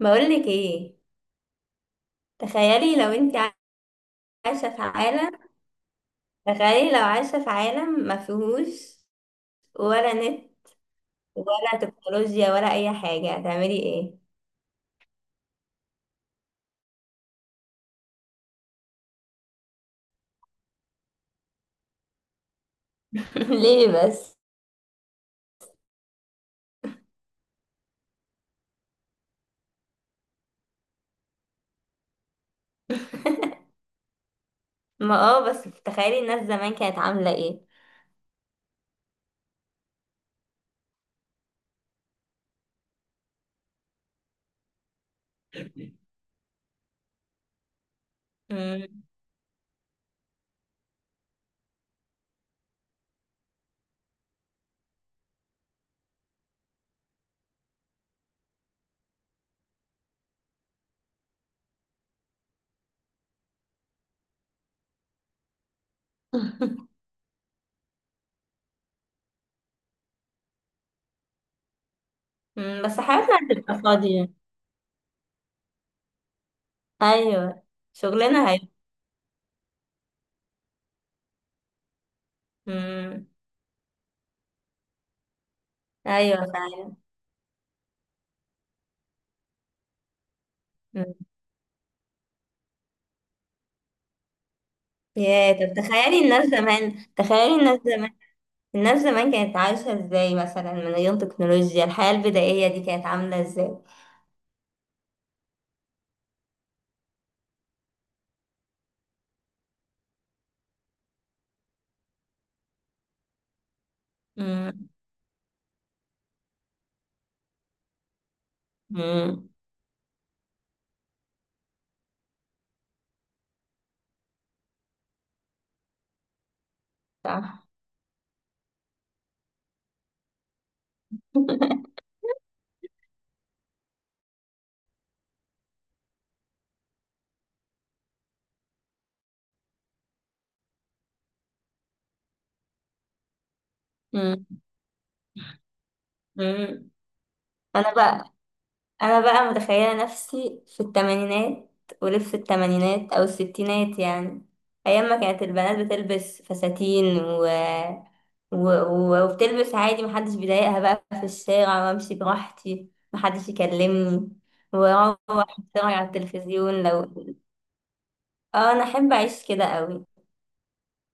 بقولك ايه؟ تخيلي لو انت عايشة في عالم تخيلي لو عايشة في عالم ما فيهوش ولا نت ولا تكنولوجيا ولا اي حاجة هتعملي ايه؟ ليه بس؟ ما اه بس تخيلي الناس زمان كانت عاملة ايه؟ مم. مم. بس حياتنا هتبقى فاضية. ايوه، شغلنا هي. مم. ايوه فعلا. مم. يا طب تخيلي الناس زمان تخيلي الناس زمان الناس زمان كانت عايشة ازاي مثلا من غير تكنولوجيا؟ الحياة البدائية دي كانت عاملة ازاي؟ امم. امم. صح. امم. امم. انا بقى انا بقى متخيلة نفسي في الثمانينات، ولف الثمانينات او الستينات يعني، ايام ما كانت البنات بتلبس فساتين وبتلبس عادي، محدش بيضايقها بقى في الشارع، وامشي براحتي محدش يكلمني، واروح اتفرج على التلفزيون اه، انا احب اعيش كده قوي،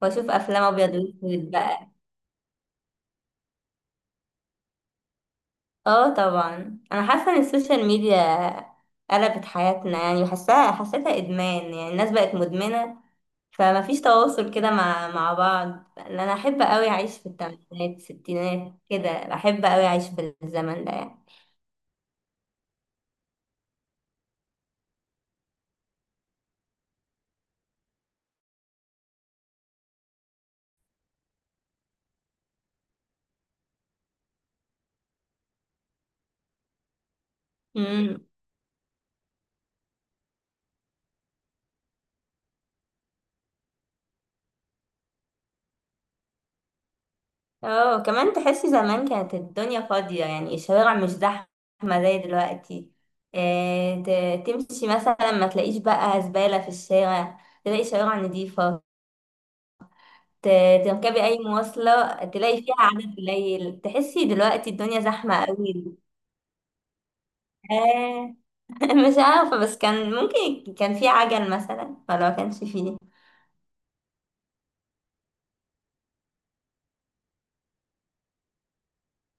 واشوف افلام ابيض واسود بقى. اه طبعا، انا حاسه ان السوشيال ميديا قلبت حياتنا يعني، حسيتها ادمان، يعني الناس بقت مدمنه، فما فيش تواصل كده مع بعض. لأن انا احب قوي اعيش في الثمانينات الستينات كده، احب قوي اعيش في الزمن ده يعني. امم. اه كمان تحسي زمان كانت الدنيا فاضيه، يعني الشوارع مش زحمه زي دلوقتي. إيه؟ تمشي مثلا ما تلاقيش بقى زباله في الشارع، تلاقي شوارع نظيفة. ت- تركبي أي مواصلة تلاقي فيها عدد قليل، تحسي دلوقتي الدنيا زحمة قوي. آه. مش عارفة، بس كان ممكن كان في عجل مثلا، ولا ما كانش فيه.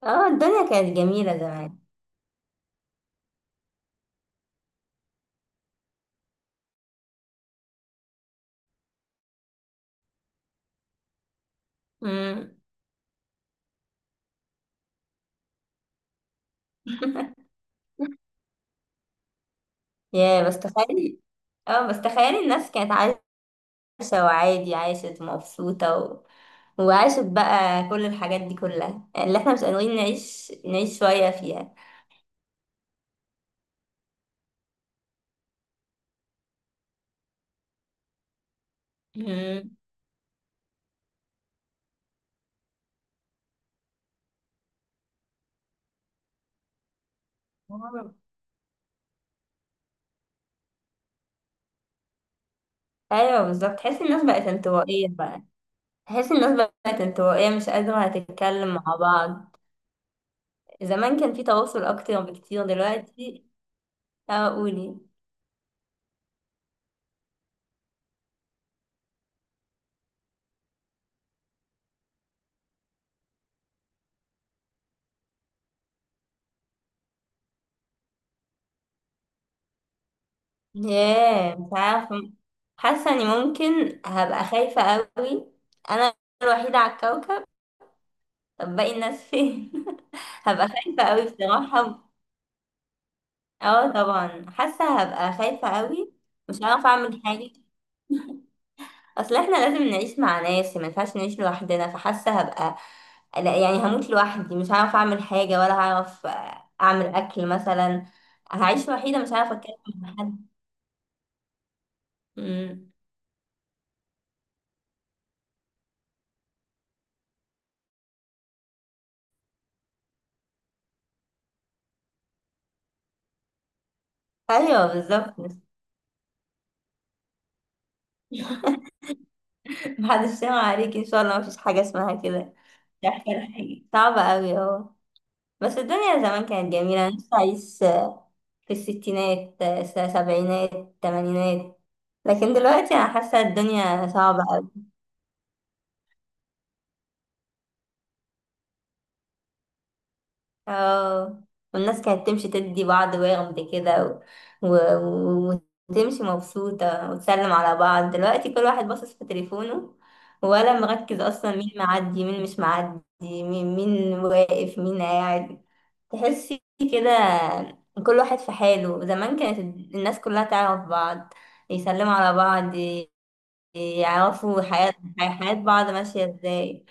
اه الدنيا كانت جميلة زمان. مم. يا بس تخيلي اه بس تخيلي الناس كانت عايشة وعادي، عايشة ومبسوطة وعاشت بقى كل الحاجات دي كلها، اللي احنا مش قادرين نعيش شوية فيها. مم. ايوه بالظبط، تحسي الناس بقت انطوائية بقى. بحس الناس بقت انطوائية، مش قادرة تتكلم مع بعض. زمان كان في تواصل أكتر بكتير دلوقتي. اه قولي. ياه مش عارفة، حاسة إني ممكن هبقى خايفة أوي، أنا الوحيدة على الكوكب. طب باقي الناس فين؟ هبقى خايفة أوي بصراحة. اه طبعا حاسة هبقى خايفة أوي، مش عارفة أعمل حاجة. أصل احنا لازم نعيش مع ناس، ما ينفعش نعيش لوحدنا، فحاسة هبقى، لا يعني هموت لوحدي، مش هعرف اعمل حاجة ولا هعرف اعمل اكل مثلا، هعيش وحيدة مش هعرف اتكلم مع حد. مم. ايوه بالظبط. محدش سامع عليك ان شاء الله، مفيش حاجة اسمها كده. مش عارفة ولا حاجة، صعبة اوي اهو. بس الدنيا زمان كانت جميلة، انا نفسي اعيش في الستينات السبعينات الثمانينات، لكن دلوقتي انا حاسة الدنيا صعبة. اه، والناس كانت تمشي تدي بعض وغد كده، و... و... وتمشي مبسوطة، وتسلم على بعض. دلوقتي كل واحد باصص في تليفونه، ولا مركز أصلا مين معدي مين مش معدي، مين واقف مين قاعد. تحسي كده كل واحد في حاله. زمان كانت الناس كلها تعرف بعض، يسلموا على بعض، يعرفوا حياة بعض ماشية ازاي.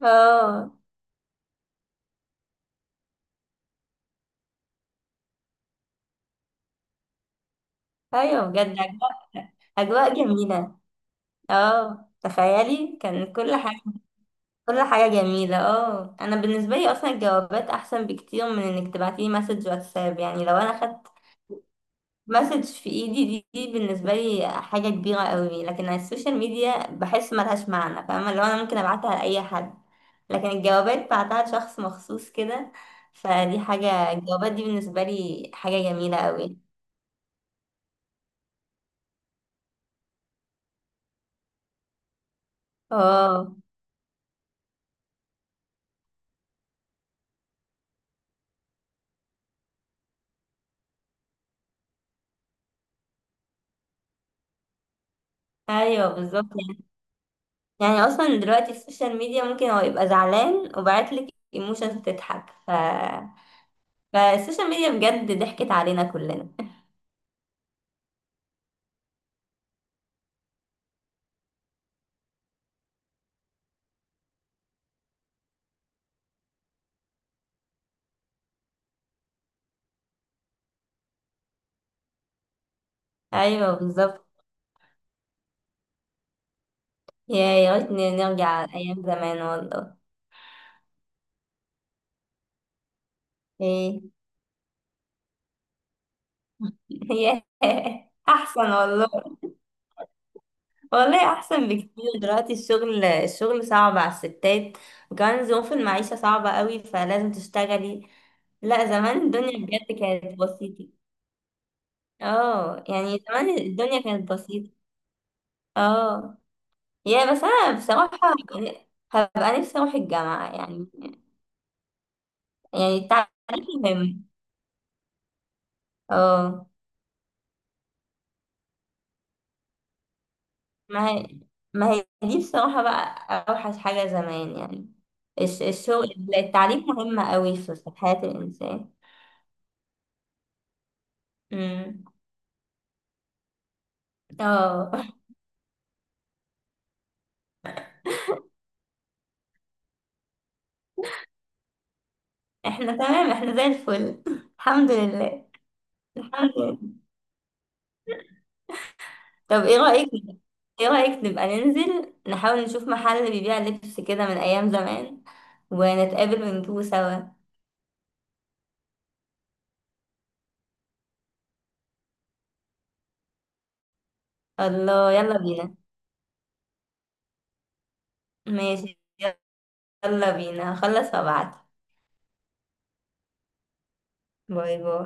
اه ايوه بجد، أجواء جميلة. اه تخيلي كان كل حاجة كل حاجة جميلة. اه، انا بالنسبة لي اصلا الجوابات احسن بكتير من انك تبعتيلي مسج واتساب، يعني لو انا خدت مسج في ايدي دي، بالنسبة لي حاجة كبيرة قوي، لكن على السوشيال ميديا بحس ملهاش معنى، فاهمة؟ لو انا ممكن ابعتها لأي حد، لكن الجوابات بعتها لشخص مخصوص كده، فدي حاجة الجوابات دي بالنسبة لي حاجة جميلة قوي. اه ايوه بالظبط. يعني اصلا دلوقتي السوشيال ميديا ممكن هو يبقى زعلان وبعتلك ايموشنز تضحك، فالسوشيال ميديا بجد ضحكت علينا كلنا. ايوه بالظبط. يا ريتني نرجع ايام زمان والله. ايه؟ يا احسن والله، والله احسن بكتير. دلوقتي الشغل صعب على الستات، وكمان ظروف المعيشة صعبة قوي، فلازم تشتغلي. لا زمان الدنيا بجد كانت بسيطة. اه يعني زمان الدنيا كانت بسيطة. اه. يعني بس انا بصراحة، يعني هبقى نفسي اروح الجامعة يعني، يعني التعليم مهم. اه. ما هي ما هي دي بصراحة بقى اوحش حاجة زمان يعني، الشغل، التعليم مهم قوي في حياة الانسان. امم. اه. احنا تمام، احنا زي الفل. الحمد لله. الحمد لله. طب ايه رأيك نبقى ننزل نحاول نشوف محل بيبيع لبس كده من ايام زمان، ونتقابل ونجيبه سوا. الله، يلا بينا. ماشي. يلا بينا، هخلص وابعت. باي باي.